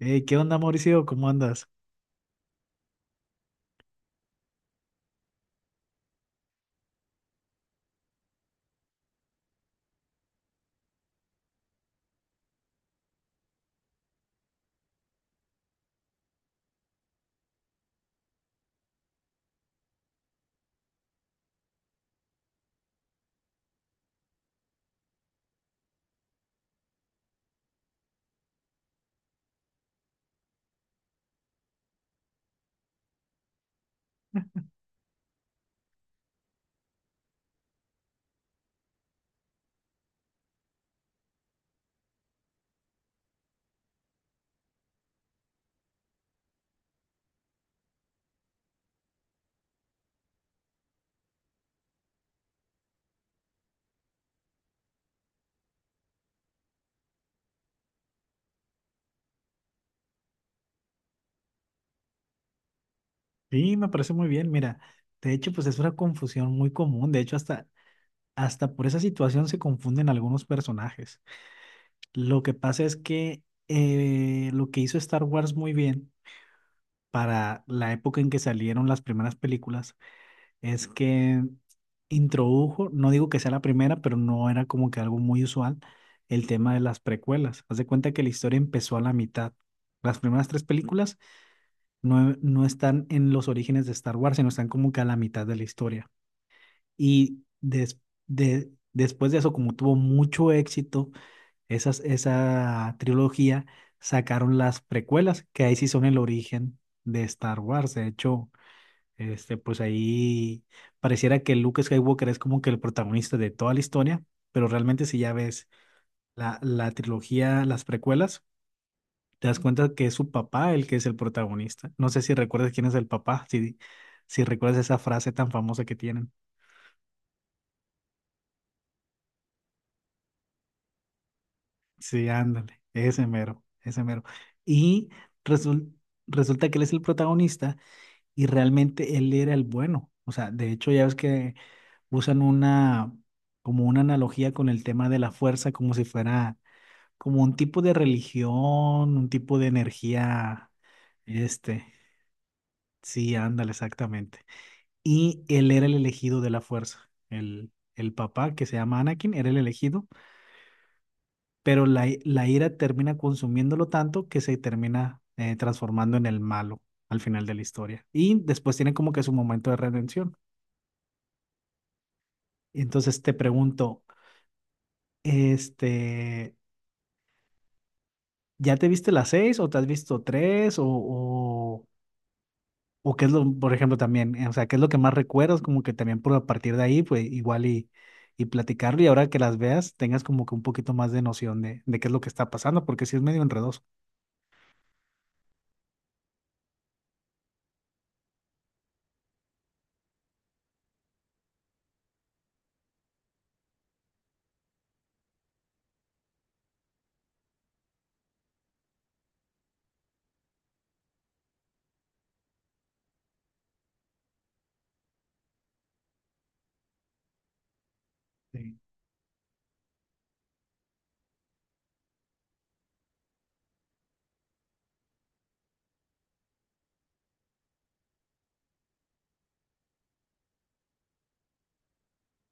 Hey, ¿qué onda, Mauricio? ¿Cómo andas? Sí, me parece muy bien. Mira, de hecho, pues es una confusión muy común. De hecho, hasta por esa situación se confunden algunos personajes. Lo que pasa es que lo que hizo Star Wars muy bien para la época en que salieron las primeras películas es que introdujo, no digo que sea la primera, pero no era como que algo muy usual, el tema de las precuelas. Haz de cuenta que la historia empezó a la mitad. Las primeras tres películas no están en los orígenes de Star Wars, sino están como que a la mitad de la historia. Y después de eso, como tuvo mucho éxito esa trilogía, sacaron las precuelas, que ahí sí son el origen de Star Wars. De hecho, pues ahí pareciera que Luke Skywalker es como que el protagonista de toda la historia, pero realmente si ya ves la trilogía, las precuelas, te das cuenta que es su papá el que es el protagonista. No sé si recuerdas quién es el papá, si recuerdas esa frase tan famosa que tienen. Sí, ándale, ese mero, ese mero. Y resul- resulta que él es el protagonista y realmente él era el bueno. O sea, de hecho ya ves que usan como una analogía con el tema de la fuerza, como si fuera como un tipo de religión, un tipo de energía. este, sí, ándale, exactamente. Y él era el elegido de la fuerza. El papá, que se llama Anakin, era el elegido, pero la ira termina consumiéndolo tanto que se termina transformando en el malo al final de la historia. Y después tiene como que su momento de redención. Entonces te pregunto, este, ¿ya te viste las seis o te has visto tres o, o qué es lo, por ejemplo, también, o sea, qué es lo que más recuerdas, como que también por a partir de ahí, pues igual y platicarlo y ahora que las veas, tengas como que un poquito más de noción de qué es lo que está pasando, porque sí es medio enredoso? Sí,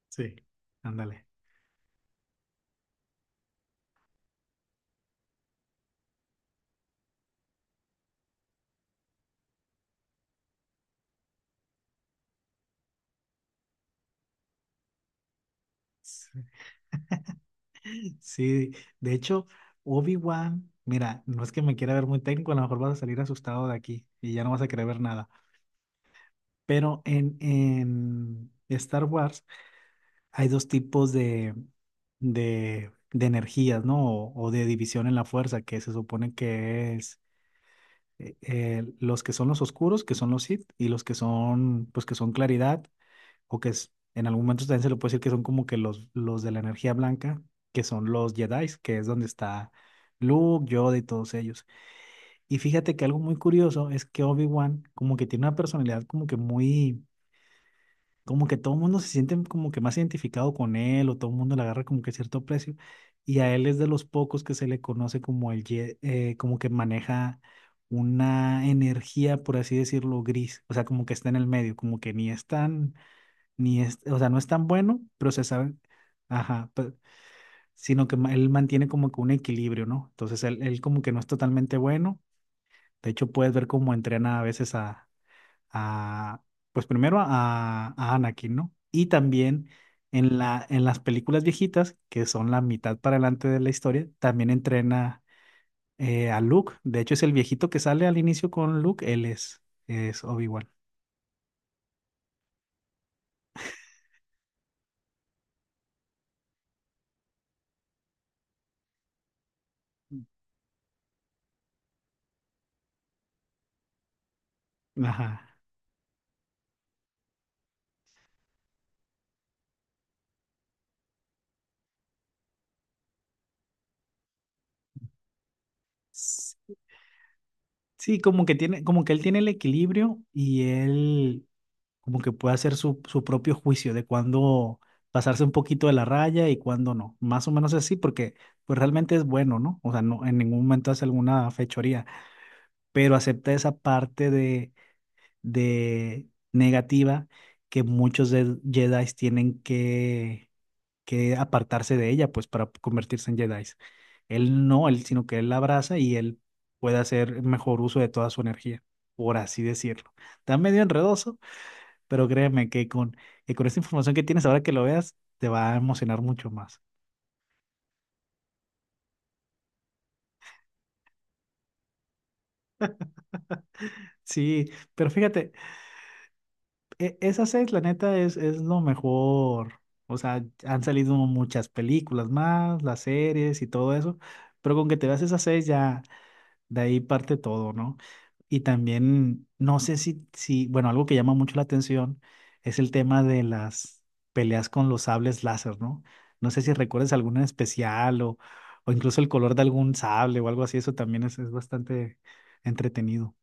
sí, ándale. Sí, sí, de hecho, Obi-Wan, mira, no es que me quiera ver muy técnico, a lo mejor vas a salir asustado de aquí y ya no vas a querer ver nada, pero en Star Wars hay dos tipos de energías, ¿no? O de división en la fuerza, que se supone que es los que son los oscuros, que son los Sith, y los que son, pues que son claridad, o que es, en algún momento también se le puede decir que son como que los de la energía blanca, que son los Jedi, que es donde está Luke, Yoda y todos ellos. Y fíjate que algo muy curioso es que Obi-Wan como que tiene una personalidad como que muy como que todo el mundo se siente como que más identificado con él o todo el mundo le agarra como que cierto precio y a él es de los pocos que se le conoce como el como que maneja una energía, por así decirlo, gris, o sea, como que está en el medio, como que ni es tan, ni es, o sea, no es tan bueno, pero se sabe, ajá, sino que él mantiene como que un equilibrio, ¿no? Entonces él como que no es totalmente bueno, de hecho puedes ver cómo entrena a veces a, pues primero a Anakin, ¿no? Y también en las películas viejitas, que son la mitad para adelante de la historia, también entrena a Luke. De hecho, es el viejito que sale al inicio con Luke, él es Obi-Wan. Ajá. S- Sí, como que tiene, como que él tiene el equilibrio y él como que puede hacer su propio juicio de cuándo pasarse un poquito de la raya y cuándo no. Más o menos así, porque pues realmente es bueno, ¿no? O sea, no, en ningún momento hace alguna fechoría, pero acepta esa parte de negativa que muchos de Jedi tienen que apartarse de ella, pues para convertirse en Jedi. Él no, él, sino que él la abraza y él puede hacer mejor uso de toda su energía, por así decirlo. Está medio enredoso, pero créeme que que con esta información que tienes ahora que lo veas, te va a emocionar mucho más. Sí, pero fíjate, esa seis, la neta, es lo mejor. O sea, han salido muchas películas más, las series y todo eso, pero con que te veas esas seis ya. De ahí parte todo, ¿no? Y también, no sé si, bueno, algo que llama mucho la atención es el tema de las peleas con los sables láser, ¿no? No sé si recuerdas alguna en especial o incluso el color de algún sable o algo así, eso también es bastante entretenido.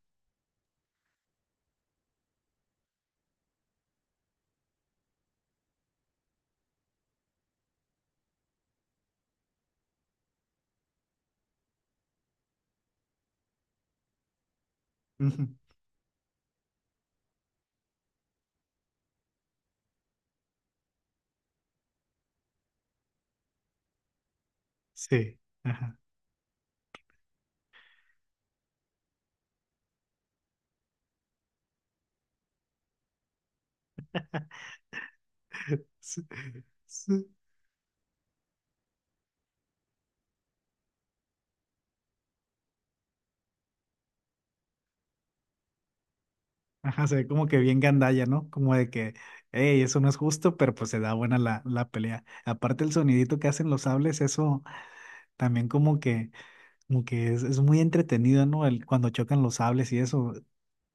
Ujú. Sí, ajá. Sí, sí. Ajá, se ve como que bien gandalla, ¿no? Como de que, hey, eso no es justo, pero pues se da buena la pelea. Aparte el sonidito que hacen los sables, eso también como que es muy entretenido, ¿no? Cuando chocan los sables y eso,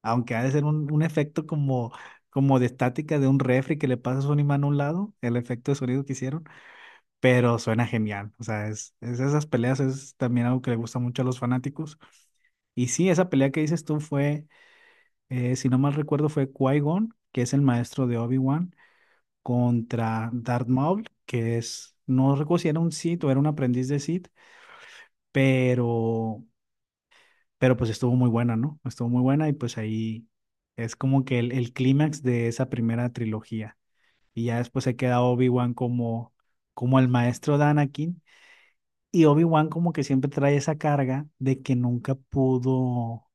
aunque ha de ser un efecto como de estática de un refri que le pasas un imán a un lado, el efecto de sonido que hicieron, pero suena genial. O sea, es esas peleas es también algo que le gusta mucho a los fanáticos. Y sí, esa pelea que dices tú fue, si no mal recuerdo, fue Qui-Gon, que es el maestro de Obi-Wan, contra Darth Maul, que es, no recuerdo si era un Sith o era un aprendiz de Sith, pero pues estuvo muy buena, ¿no? Estuvo muy buena y pues ahí es como que el clímax de esa primera trilogía. Y ya después se queda Obi-Wan como el maestro de Anakin y Obi-Wan como que siempre trae esa carga de que nunca pudo,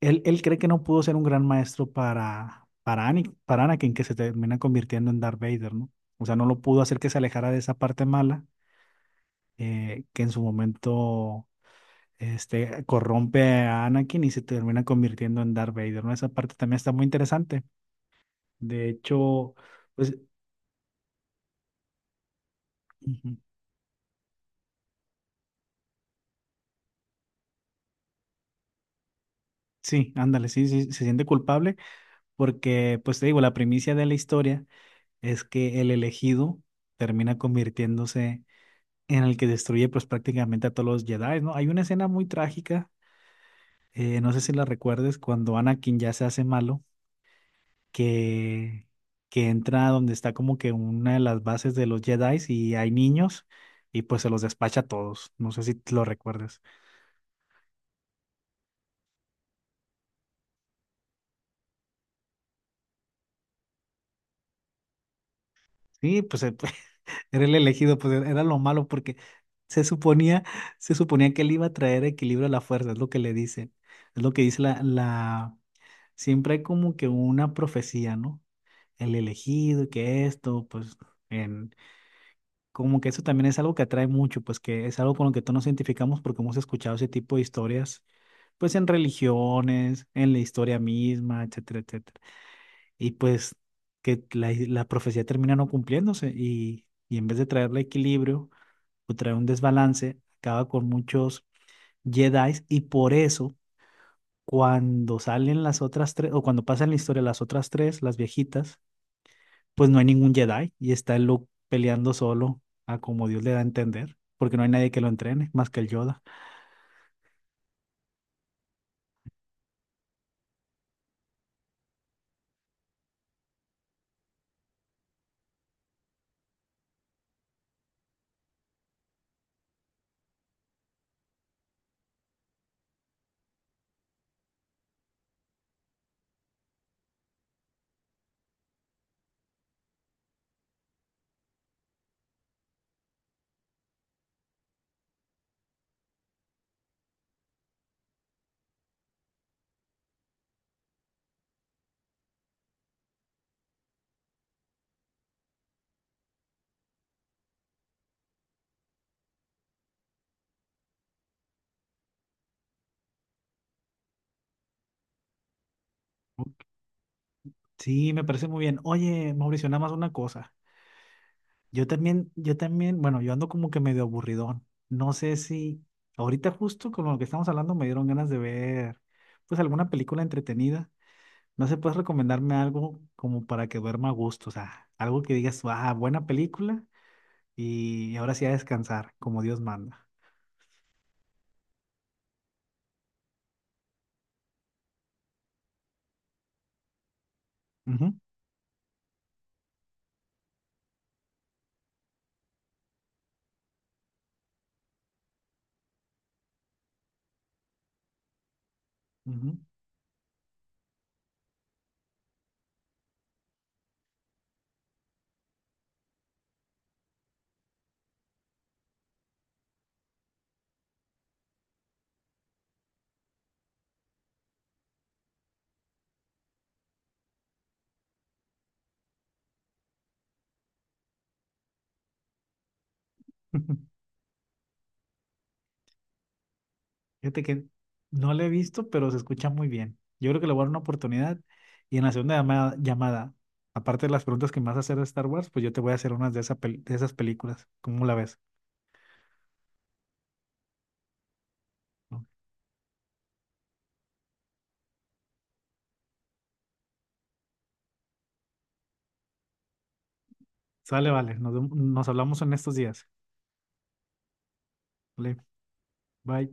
él cree que no pudo ser un gran maestro para Anakin, que se termina convirtiendo en Darth Vader, ¿no? O sea, no lo pudo hacer que se alejara de esa parte mala que en su momento corrompe a Anakin y se termina convirtiendo en Darth Vader, ¿no? Esa parte también está muy interesante. De hecho, pues ujú, sí, ándale, sí, sí, se siente culpable porque, pues te digo, la primicia de la historia es que el elegido termina convirtiéndose en el que destruye pues prácticamente a todos los Jedi, ¿no? Hay una escena muy trágica, no sé si la recuerdes, cuando Anakin ya se hace malo que, que entra donde está como que una de las bases de los Jedi y hay niños y pues se los despacha a todos. No sé si te lo recuerdas. Sí, pues era el elegido, pues era lo malo porque se suponía, se suponía que él iba a traer equilibrio a la fuerza, es lo que le dicen. Es lo que dice la. Siempre hay como que una profecía, ¿no? El elegido, que esto, pues en... Como que eso también es algo que atrae mucho, pues que es algo con lo que todos nos identificamos porque hemos escuchado ese tipo de historias pues en religiones, en la historia misma, etcétera, etcétera. Y pues que la profecía termina no cumpliéndose y en vez de traerle equilibrio o traer un desbalance, acaba con muchos Jedi y por eso cuando salen las otras tres o cuando pasan la historia las otras tres, las viejitas, pues no hay ningún Jedi y está el Luke peleando solo a como Dios le da a entender. Porque no hay nadie que lo entrene, más que el Yoda. Sí, me parece muy bien. Oye, Mauricio, nada más una cosa. Bueno, yo ando como que medio aburridón. No sé si ahorita justo con lo que estamos hablando me dieron ganas de ver pues alguna película entretenida. No sé, puedes recomendarme algo como para que duerma a gusto, o sea, algo que digas, ah, buena película y ahora sí a descansar, como Dios manda. Ujú, ujú. Fíjate que no lo he visto, pero se escucha muy bien. Yo creo que le voy a dar una oportunidad. Y en la segunda llamada, aparte de las preguntas que me vas a hacer de Star Wars, pues yo te voy a hacer unas de esas películas. ¿Cómo la ves? ¿No? Sale, vale. Nos hablamos en estos días. Vale, bye.